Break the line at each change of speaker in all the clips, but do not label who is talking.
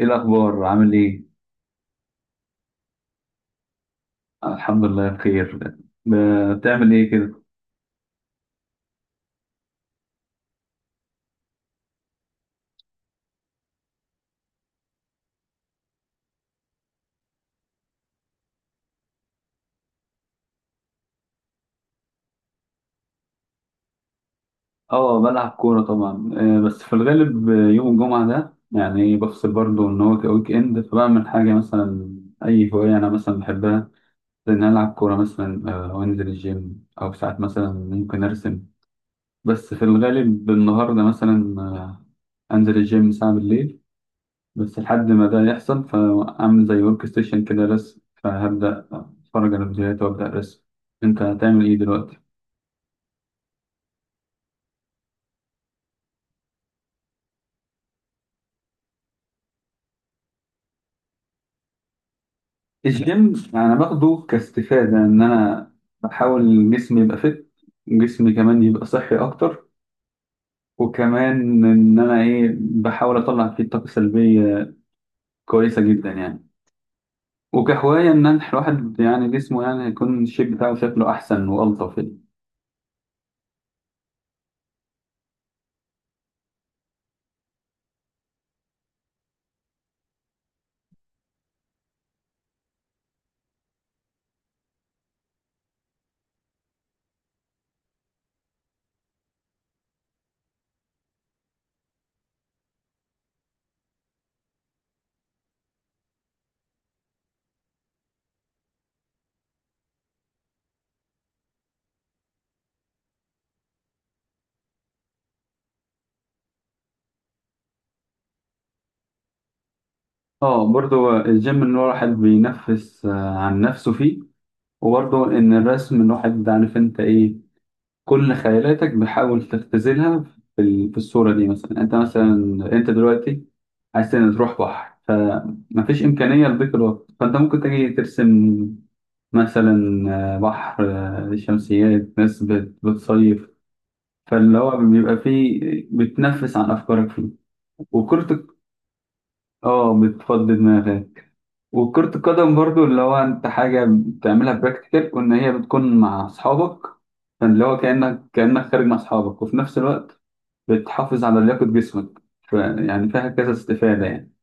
ايه الاخبار، عامل ايه؟ الحمد لله بخير. ب- بتعمل ايه كده؟ اه، بلعب كوره طبعا، بس في الغالب يوم الجمعه ده يعني بفصل برضه ان هو ويك اند فبعمل حاجه مثلا. اي هوايه انا مثلا بحبها، زي ان أنا العب كوره مثلا، او انزل الجيم او ساعات مثلا ممكن ارسم. بس في الغالب النهارده مثلا انزل الجيم ساعه بالليل. بس لحد ما ده يحصل فاعمل زي ورك ستيشن كده رسم، فهبدا اتفرج على فيديوهات وابدا ارسم. انت هتعمل ايه دلوقتي؟ الجيم انا باخده كاستفاده ان انا بحاول جسمي يبقى جسمي كمان يبقى صحي اكتر، وكمان ان انا ايه بحاول اطلع فيه طاقه سلبيه، كويسه جدا يعني. وكهوايه الواحد يعني جسمه يعني يكون الشيب بتاعه شكله احسن والطف يعني. اه، برضه الجيم ان الواحد بينفس عن نفسه فيه، وبرضه ان الرسم، الواحد عارف انت ايه، كل خيالاتك بتحاول تختزلها في في الصورة دي. مثلا انت مثلا، انت دلوقتي عايز تروح بحر فمفيش إمكانية لضيق الوقت، فانت ممكن تجي ترسم مثلا، بحر، شمسيات، ناس بتصيف، فاللي هو بيبقى فيه بتنفس عن أفكارك فيه. وكرة. اه، بتفضي دماغك. وكرة القدم برضو اللي هو انت حاجة بتعملها براكتيكال وان هي بتكون مع اصحابك، فاللي هو كأنك خارج مع اصحابك، وفي نفس الوقت بتحافظ على لياقة جسمك، يعني فيها كذا استفادة يعني.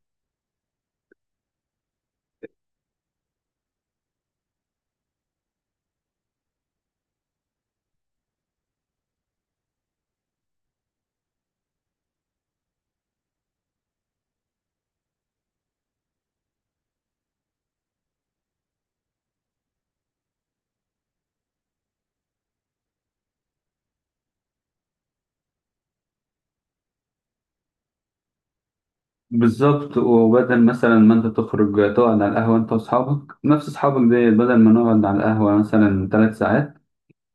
بالظبط. وبدل مثلا ما انت تخرج تقعد على القهوة انت واصحابك، نفس اصحابك دي، بدل ما نقعد على القهوة مثلا 3 ساعات،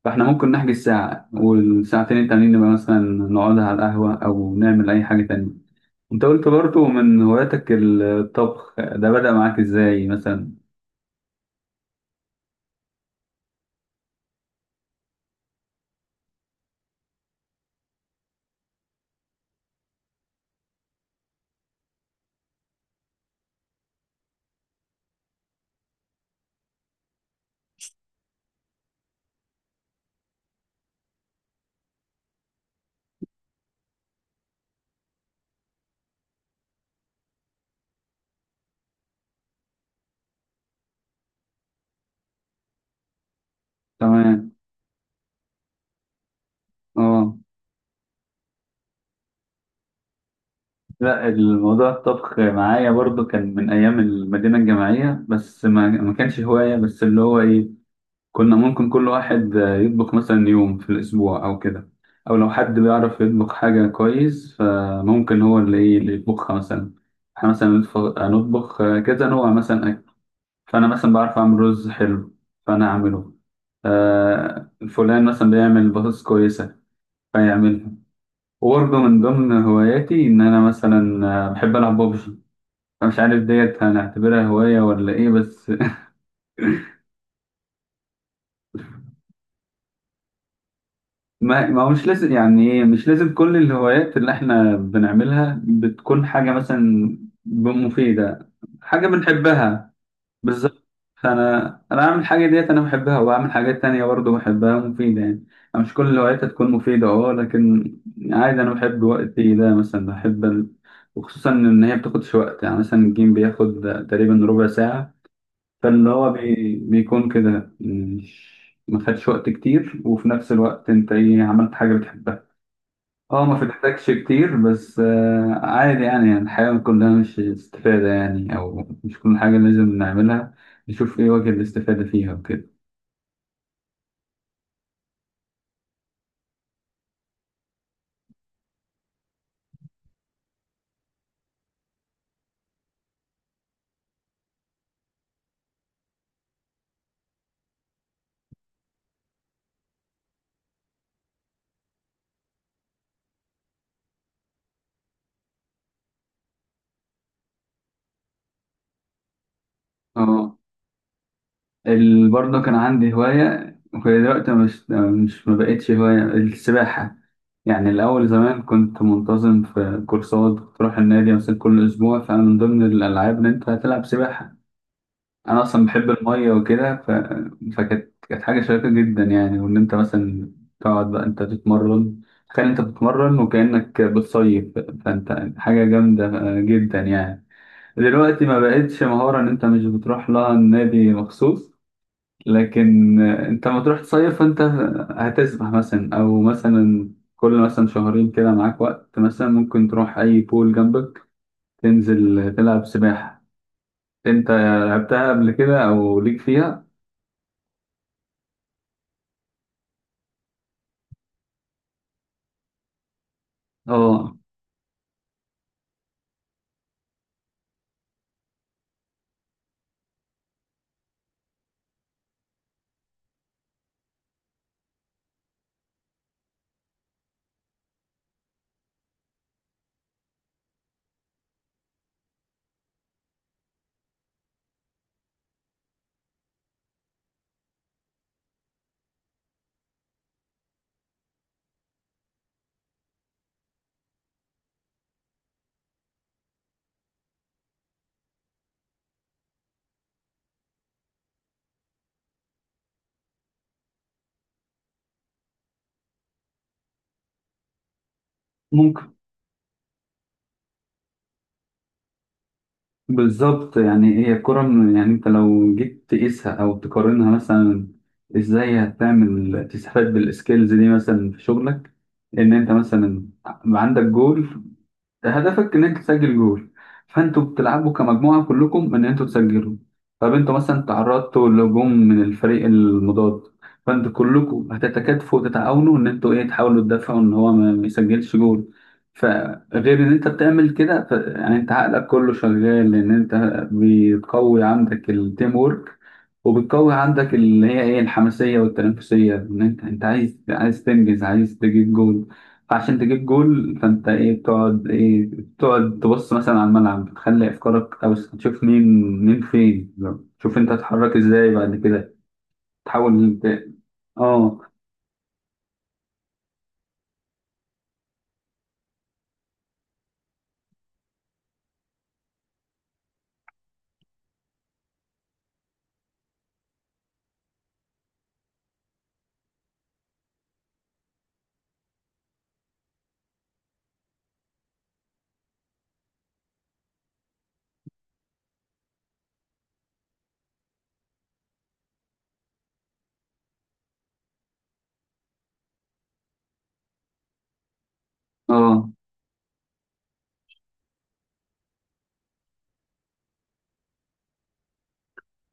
فاحنا ممكن نحجز ساعة، والساعتين التانيين نبقى مثلا نقعد على القهوة او نعمل اي حاجة تانية. انت قلت برضو من هواياتك الطبخ، ده بدأ معاك ازاي مثلا؟ تمام. اه. لا، الموضوع الطبخ معايا برضو كان من ايام المدينة الجامعية، بس ما كانش هواية. بس اللي هو ايه، كنا ممكن كل واحد يطبخ مثلا يوم في الاسبوع او كده، او لو حد بيعرف يطبخ حاجة كويس فممكن هو اللي ايه اللي يطبخها مثلا. احنا مثلا نطبخ كذا نوع مثلا اكل. فانا مثلا بعرف اعمل رز حلو، فانا اعمله. آه فلان مثلا بيعمل بطاطس كويسة، فيعملها. وبرضه من ضمن هواياتي إن أنا مثلا بحب ألعب ببجي، فمش عارف ديت هنعتبرها هواية ولا إيه، بس ما هو مش لازم يعني إيه، مش لازم كل الهوايات اللي إحنا بنعملها بتكون حاجة مثلا مفيدة. حاجة بنحبها. بالظبط. فانا بعمل الحاجه ديت انا بحبها، وبعمل حاجات تانية برضه بحبها مفيده يعني. أنا مش كل الهوايات هتكون مفيده، اه، لكن عادي. انا بحب وقتي ده، مثلا بحب وخصوصا ان هي بتاخدش وقت. يعني مثلا الجيم بياخد تقريبا ربع ساعه، فاللي هو بيكون كده، مش ما خدش وقت كتير، وفي نفس الوقت انت ايه، عملت حاجه بتحبها. اه ما بتحتاجش كتير، بس عادي يعني الحياة كلها مش استفادة يعني، أو مش كل حاجة لازم نعملها نشوف إيه وجه الاستفادة فيها وكده. اه. برضه كان عندي هواية وهي دلوقتي مش مش ما بقتش هواية، السباحة. يعني الأول زمان كنت منتظم في كورسات، كنت أروح النادي مثلا كل أسبوع، فأنا من ضمن الألعاب إن أنت هتلعب سباحة. انا اصلا بحب الميه وكده فكانت حاجه شيقه جدا يعني. وان انت مثلا تقعد بقى انت تتمرن، تخيل انت بتتمرن وكانك بتصيف، فانت حاجه جامده جدا يعني. دلوقتي ما بقتش مهاره ان انت مش بتروح لها النادي مخصوص، لكن انت ما تروح تصيف فانت هتسبح مثلا، او مثلا كل مثلا شهرين كده معاك وقت، مثلا ممكن تروح اي بول جنبك تنزل تلعب سباحه. انت لعبتها قبل كده او ليك فيها؟ اه، ممكن. بالظبط. يعني هي الكرة يعني انت لو جيت تقيسها او تقارنها مثلا، ازاي هتعمل تستفاد بالسكيلز دي مثلا في شغلك. ان انت مثلا عندك جول، هدفك ان انت تسجل جول، فانتوا بتلعبوا كمجموعه كلكم ان انتوا تسجلوا. طب انتوا مثلا تعرضتوا لهجوم من الفريق المضاد، فانتوا كلكم هتتكاتفوا وتتعاونوا ان انتوا ايه تحاولوا تدافعوا ان هو ما يسجلش جول. فغير ان انت بتعمل كده يعني انت عقلك كله شغال، لان انت بتقوي عندك التيم وورك، وبتقوي عندك اللي هي ايه الحماسيه والتنافسيه، ان انت عايز تنجز، عايز تجيب جول. فعشان تجيب جول، فانت ايه بتقعد تبص مثلا على الملعب، بتخلي افكارك، او تشوف مين فين، تشوف انت هتتحرك ازاي بعد كده، تحاول اه، اه،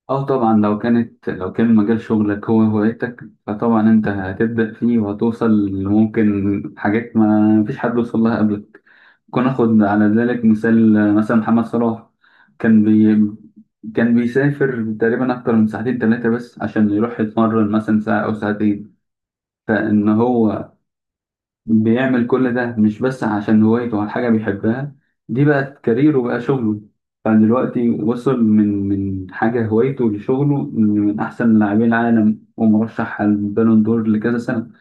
اه، طبعا لو كانت لو كان مجال شغلك هو هوايتك، فطبعا انت هتبدأ فيه وهتوصل ممكن حاجات ما فيش حد وصل لها قبلك. ناخد على ذلك مثال مثلا محمد صلاح. كان بي كان بيسافر تقريبا أكتر من ساعتين 3 بس عشان يروح يتمرن مثلا ساعة أو ساعتين، فإن هو بيعمل كل ده مش بس عشان هوايته أو حاجة بيحبها، دي بقت كاريره، بقى شغله. فدلوقتي وصل من حاجة هوايته لشغله، من أحسن لاعبين العالم، ومرشح على البالون دور لكذا سنة،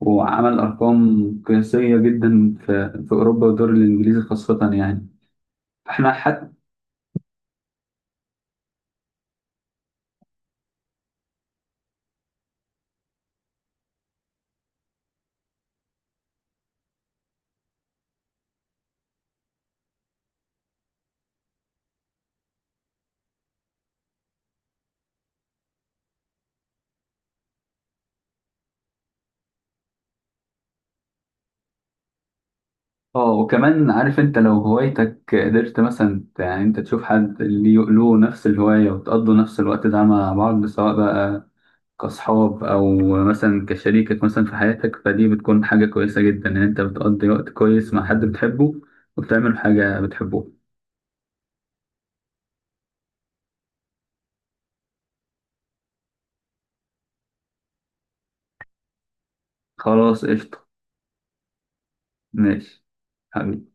وعمل أرقام قياسية جدا في أوروبا والدوري الإنجليزي خاصة يعني. احنا حتى اه، وكمان عارف انت لو هوايتك قدرت مثلا يعني انت تشوف حد اللي له نفس الهواية وتقضوا نفس الوقت ده مع بعض، سواء بقى كأصحاب، او مثلا كشريكك مثلا في حياتك، فدي بتكون حاجة كويسة جدا ان انت بتقضي وقت كويس مع حد بتحبه، وبتعمل حاجة بتحبه. خلاص، قشطة. ماشي. حبيبي.